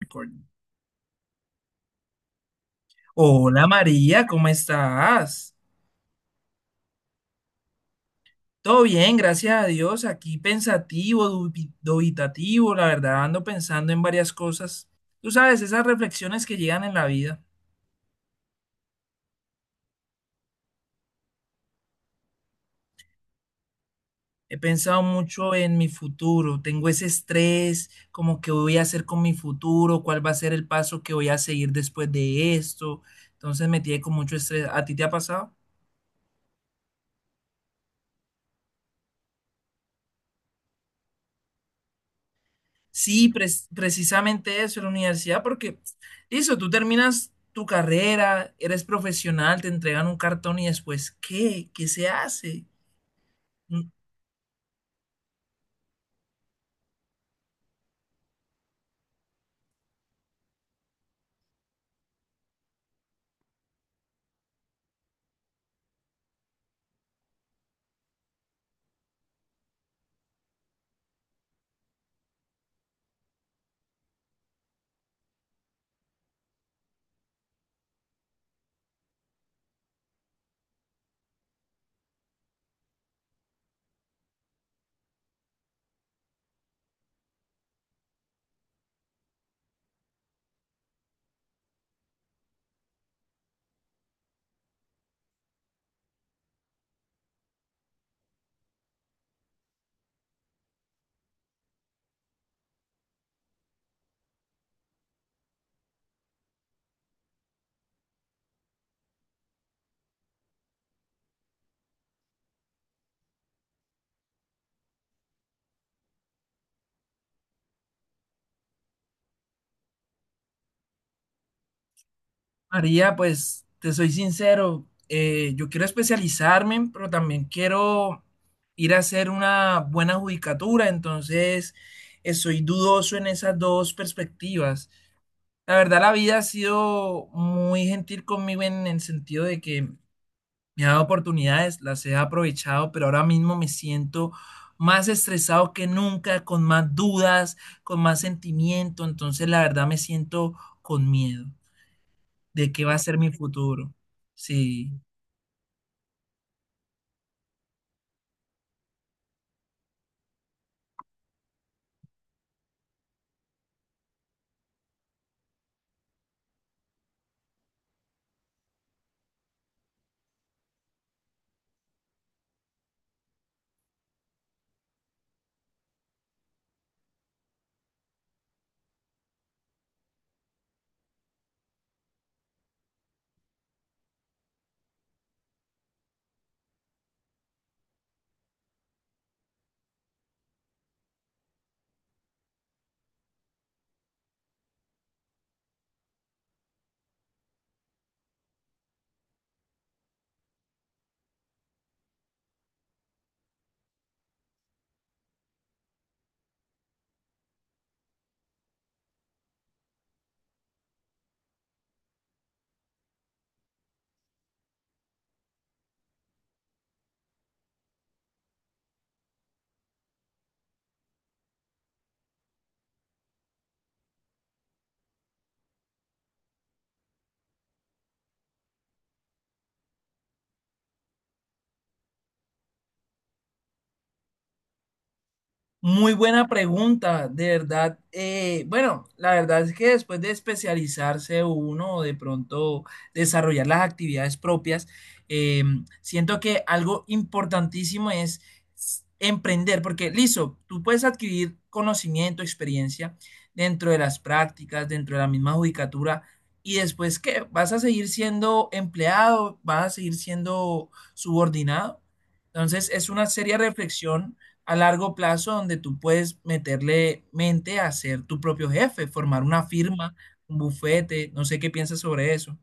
Recording. Hola María, ¿cómo estás? Todo bien, gracias a Dios. Aquí pensativo, dubitativo, la verdad, ando pensando en varias cosas. Tú sabes, esas reflexiones que llegan en la vida. He pensado mucho en mi futuro. Tengo ese estrés, como que voy a hacer con mi futuro, cuál va a ser el paso que voy a seguir después de esto. Entonces me tiene con mucho estrés. ¿A ti te ha pasado? Sí, precisamente eso, la universidad, porque listo, tú terminas tu carrera, eres profesional, te entregan un cartón y después, ¿qué? ¿Qué se hace? Mm, María, pues, te soy sincero, yo quiero especializarme, pero también quiero ir a hacer una buena judicatura, entonces soy dudoso en esas dos perspectivas. La verdad, la vida ha sido muy gentil conmigo en el sentido de que me ha dado oportunidades, las he aprovechado, pero ahora mismo me siento más estresado que nunca, con más dudas, con más sentimiento. Entonces, la verdad, me siento con miedo de qué va a ser mi futuro. Sí. Muy buena pregunta, de verdad. Bueno, la verdad es que después de especializarse uno o de pronto desarrollar las actividades propias, eh, siento que algo importantísimo es emprender, porque listo, tú puedes adquirir conocimiento, experiencia dentro de las prácticas, dentro de la misma judicatura, y después, ¿qué? Vas a seguir siendo empleado, vas a seguir siendo subordinado. Entonces, es una seria reflexión a largo plazo donde tú puedes meterle mente a ser tu propio jefe, formar una firma, un bufete, no sé qué piensas sobre eso.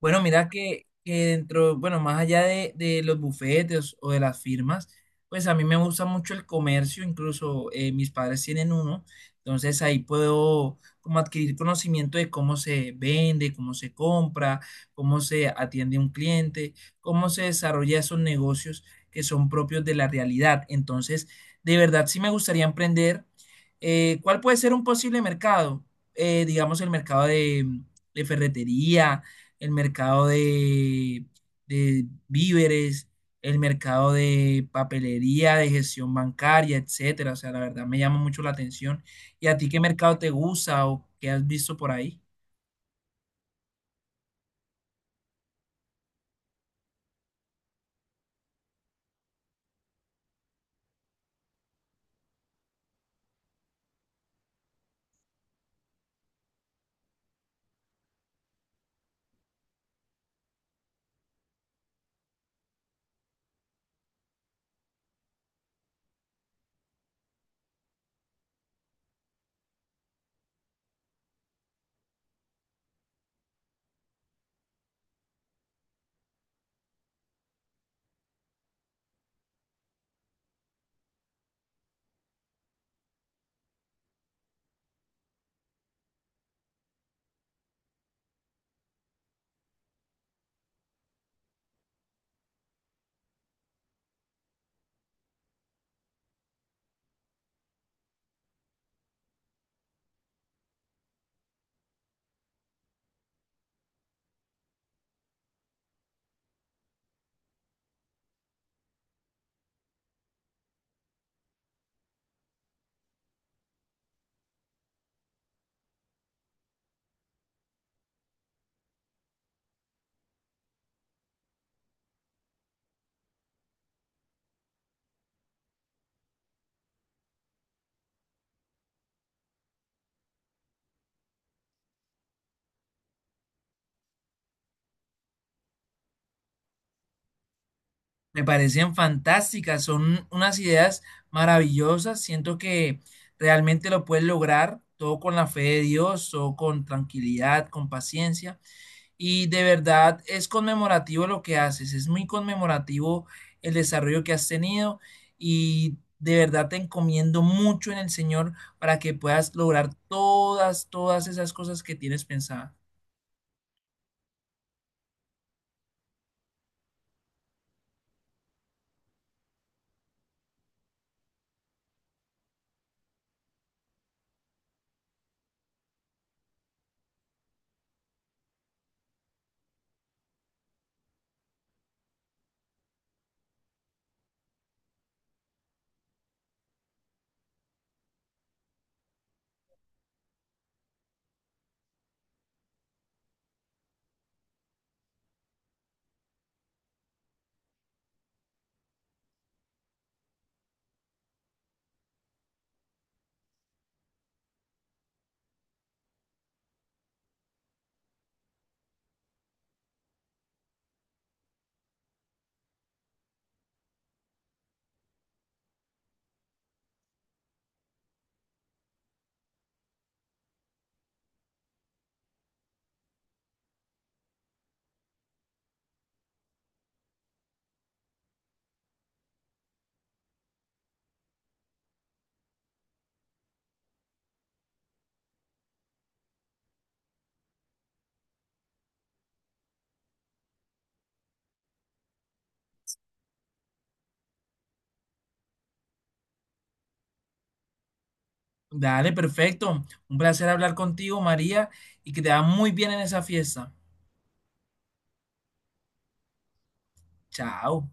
Bueno, mira que dentro, bueno, más allá de los bufetes o de las firmas, pues a mí me gusta mucho el comercio, incluso mis padres tienen uno, entonces ahí puedo como adquirir conocimiento de cómo se vende, cómo se compra, cómo se atiende un cliente, cómo se desarrolla esos negocios que son propios de la realidad. Entonces, de verdad sí me gustaría emprender. ¿Cuál puede ser un posible mercado? Digamos el mercado de ferretería, el mercado de víveres, el mercado de papelería, de gestión bancaria, etcétera. O sea, la verdad me llama mucho la atención. ¿Y a ti qué mercado te gusta o qué has visto por ahí? Me parecen fantásticas, son unas ideas maravillosas. Siento que realmente lo puedes lograr todo con la fe de Dios, todo con tranquilidad, con paciencia. Y de verdad es conmemorativo lo que haces, es muy conmemorativo el desarrollo que has tenido y de verdad te encomiendo mucho en el Señor para que puedas lograr todas, todas esas cosas que tienes pensada. Dale, perfecto. Un placer hablar contigo, María, y que te va muy bien en esa fiesta. Chao.